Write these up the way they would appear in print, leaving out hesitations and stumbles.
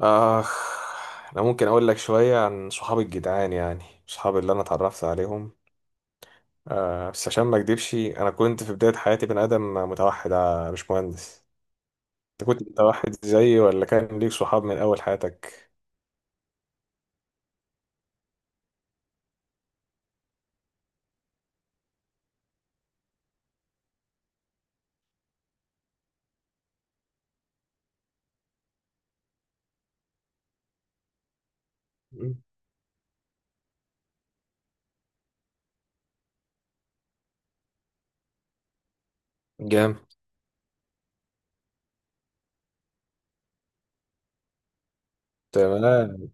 اخ. انا ممكن اقول لك شويه عن صحابي الجدعان، يعني صحابي اللي انا اتعرفت عليهم. أه بس عشان ما اكدبش، انا كنت في بدايه حياتي بني ادم متوحد، مش مهندس. انت كنت متوحد زيي ولا كان ليك صحاب من اول حياتك؟ جامد. تمام.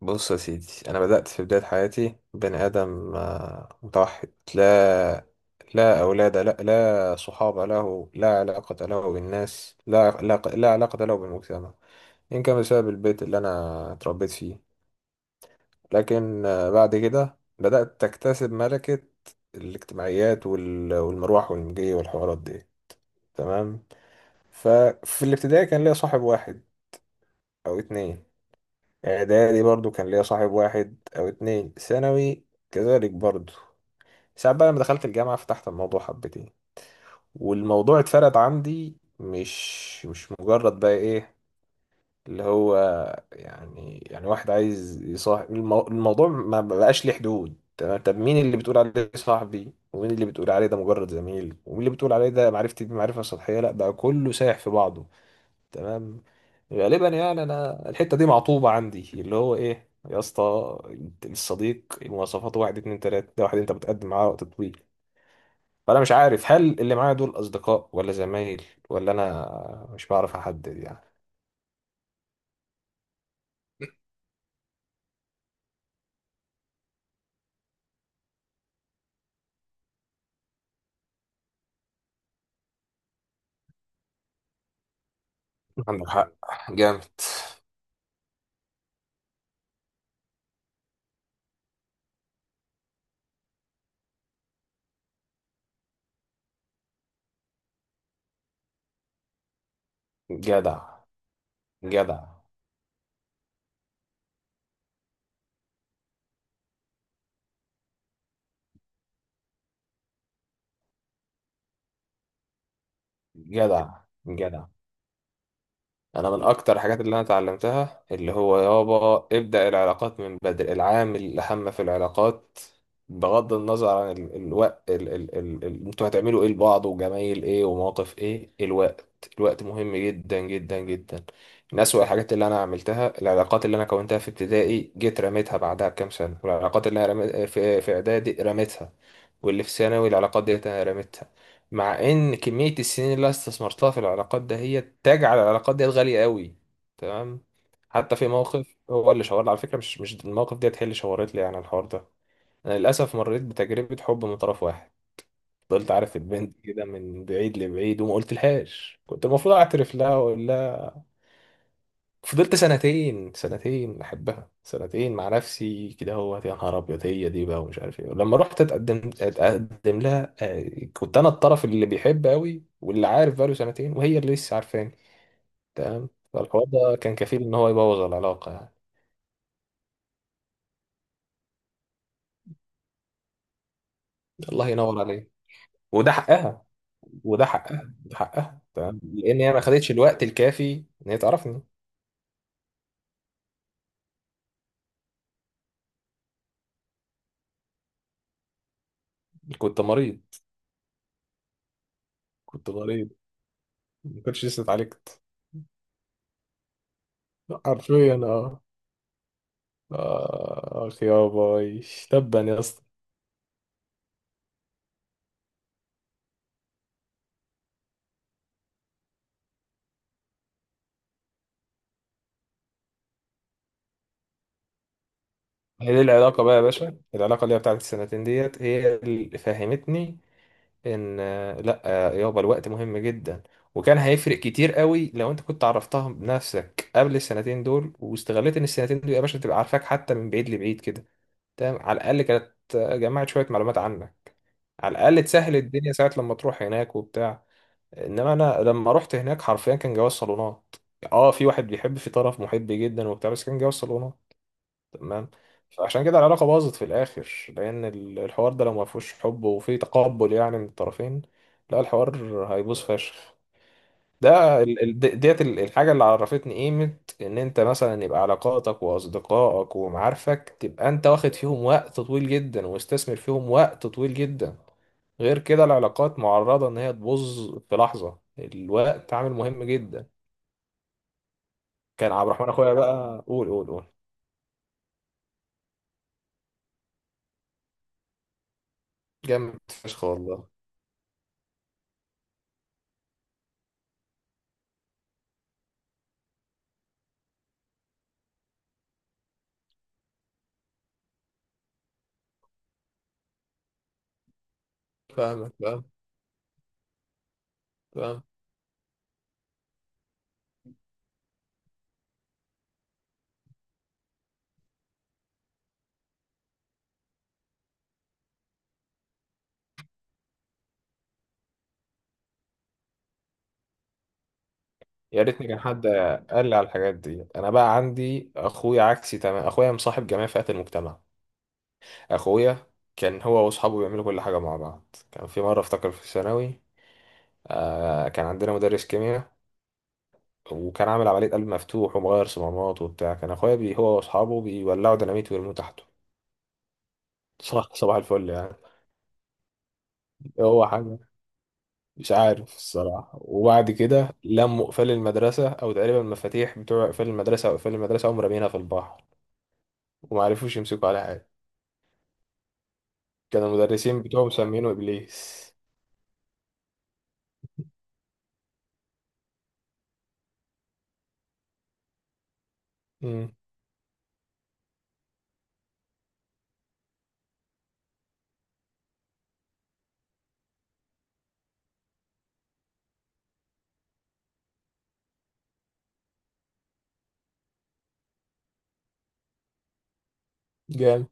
بص يا سيدي، انا بدأت في بداية حياتي بني ادم متوحد، لا لا اولاد، لا لا صحاب له، لا علاقة له بالناس، لا لا لا علاقة له بالمجتمع. يمكن كان بسبب البيت اللي انا اتربيت فيه، لكن بعد كده بدأت تكتسب ملكة الاجتماعيات والمروح والمجي والحوارات دي. تمام. ففي الابتدائي كان ليا صاحب واحد او اتنين، اعدادي برضو كان ليا صاحب واحد او اتنين، ثانوي كذلك برضو. ساعات بقى لما دخلت الجامعة فتحت الموضوع حبتين، والموضوع اتفرد عندي، مش مجرد بقى ايه اللي هو، يعني واحد عايز يصاحب الموضوع ما بقاش ليه حدود. تمام. طب مين اللي بتقول عليه صاحبي، ومين اللي بتقول عليه ده مجرد زميل، ومين اللي بتقول عليه ده معرفتي بمعرفة سطحية؟ لا بقى كله سايح في بعضه. تمام. غالبا يعني انا الحتة دي معطوبة عندي، اللي هو ايه يا اسطى، الصديق مواصفاته واحد اتنين تلاتة، ده واحد انت بتقدم معاه وقت طويل، فانا مش عارف هل اللي معايا دول اصدقاء ولا زمايل، ولا انا مش بعرف احدد يعني. عندك حق. جامد. جدع. جدع. جدع. جدع. انا من اكتر الحاجات اللي انا اتعلمتها، اللي هو يابا ابدأ العلاقات من بدري، العامل الاهم في العلاقات بغض النظر عن الوقت انتوا هتعملوا ايه لبعض، وجمايل ايه، ومواقف ايه، الوقت، مهم جدا جدا جدا. من أسوأ الحاجات اللي انا عملتها، العلاقات اللي انا كونتها في ابتدائي جيت رميتها بعدها بكام سنة، والعلاقات اللي انا رميت... في في اعدادي رميتها، واللي في ثانوي العلاقات ديت انا رميتها، مع ان كمية السنين اللي أنا استثمرتها في العلاقات ده هي تجعل العلاقات ديت غالية قوي. تمام. حتى في موقف هو اللي شاور لي على فكرة، مش الموقف ديت هي اللي شاورت لي يعني على الحوار ده. انا للاسف مريت بتجربة حب من طرف واحد، فضلت عارف البنت كده من بعيد لبعيد وما قلت لهاش، كنت المفروض اعترف لها واقول. فضلت سنتين، احبها سنتين مع نفسي كده، هو يا نهار ابيض هي دي بقى ومش عارف ايه. لما رحت اتقدم، لها كنت انا الطرف اللي بيحب قوي واللي عارف بقاله سنتين، وهي اللي لسه عارفاني. تمام. فالحوار ده كان كفيل ان هو يبوظ العلاقه يعني. الله ينور عليه. وده حقها. ده حقها. تمام، لان هي ما خدتش الوقت الكافي ان هي تعرفني. كنت مريض. كنت مريض. ما كنتش لسه اتعالجت. حرفيا اه. آه يا باي. تبا يا اسطى. هي دي العلاقة بقى يا باشا، العلاقة اللي هي بتاعت السنتين ديت هي اللي فهمتني إن آه، لأ آه، يابا الوقت مهم جدا. وكان هيفرق كتير قوي لو أنت كنت عرفتها بنفسك قبل السنتين دول، واستغليت إن السنتين دول يا باشا تبقى عارفاك حتى من بعيد لبعيد كده. تمام. على الأقل كانت جمعت شوية معلومات عنك، على الأقل تسهل الدنيا ساعة لما تروح هناك وبتاع. انما انا لما رحت هناك حرفيا كان جواز صالونات، اه، في واحد بيحب، في طرف محب جدا وبتاع، بس كان جواز صالونات. تمام. فعشان كده العلاقه باظت في الاخر، لان الحوار ده لو ما فيهوش حب وفي تقبل يعني من الطرفين، لا، الحوار هيبوظ فشخ. ده ديت الحاجه اللي عرفتني قيمه ان انت مثلا يبقى علاقاتك واصدقائك ومعارفك تبقى انت واخد فيهم وقت طويل جدا، واستثمر فيهم وقت طويل جدا. غير كده العلاقات معرضة إن هي تبوظ في لحظة، الوقت عامل مهم جدا. كان عبد الرحمن أخويا بقى، قول، قول. جامد فشخ والله. فاهمك، فاهم. يا ريتني كان حد قال لي على الحاجات دي. أنا بقى عندي أخويا عكسي، تمام، أخويا مصاحب جميع فئات المجتمع. أخويا كان هو وأصحابه بيعملوا كل حاجة مع بعض. كان في مرة أفتكر في الثانوي، آه، كان عندنا مدرس كيمياء وكان عامل عملية قلب مفتوح ومغير صمامات وبتاع، كان أخويا بي هو وأصحابه بيولعوا ديناميت ويرموه تحته. صح، صباح الفل يعني. هو حاجة مش عارف الصراحة. وبعد كده لموا قفال المدرسة أو تقريبا المفاتيح بتوع قفال المدرسة، أو قفال المدرسة، قاموا رامينها في البحر ومعرفوش يمسكوا على حاجة. كانوا المدرسين بتوعهم مسمينه إبليس. امم. جامد.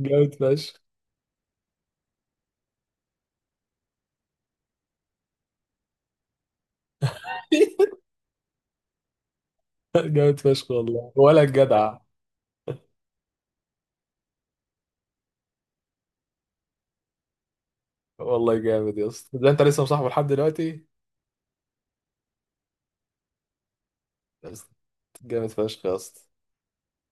جامد فشخ. جامد فشخ والله، ولا الجدع. والله جامد يا اسطى، ده انت لسه مصاحبه لحد دلوقتي. يا اسطى. جامد فشخ يا اسطى.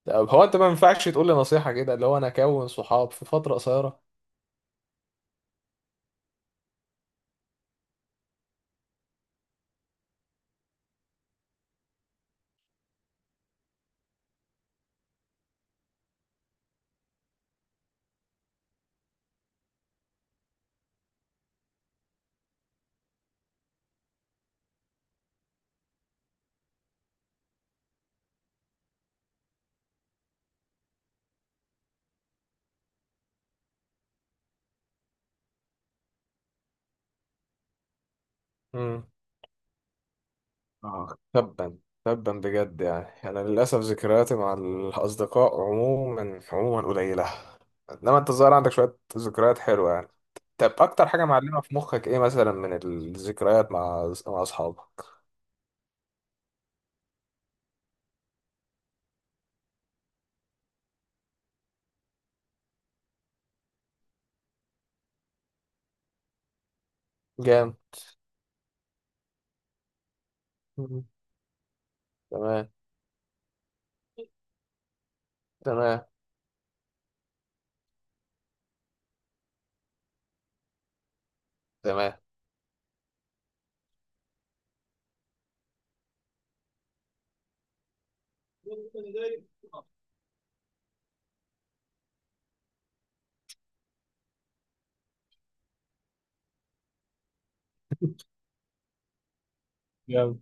طب هو انت ما ينفعش تقول لي نصيحة كده اللي هو انا اكون صحاب في فترة قصيرة؟ مم. آه، تبا. تبا بجد يعني، أنا للأسف ذكرياتي مع الأصدقاء عموما، قليلة، إنما أنت الظاهر عندك شوية ذكريات حلوة يعني. طب أكتر حاجة معلمة في مخك إيه مثلا من الذكريات مع أصحابك؟ جام. مم. تمام. تمام تمام. جامد.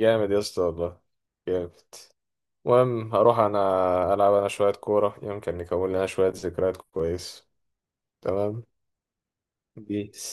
جامد يا اسطى والله. جامد. المهم هروح أنا ألعب أنا شوية كورة، يمكن نكون لنا شوية ذكريات كويس. تمام. بيس.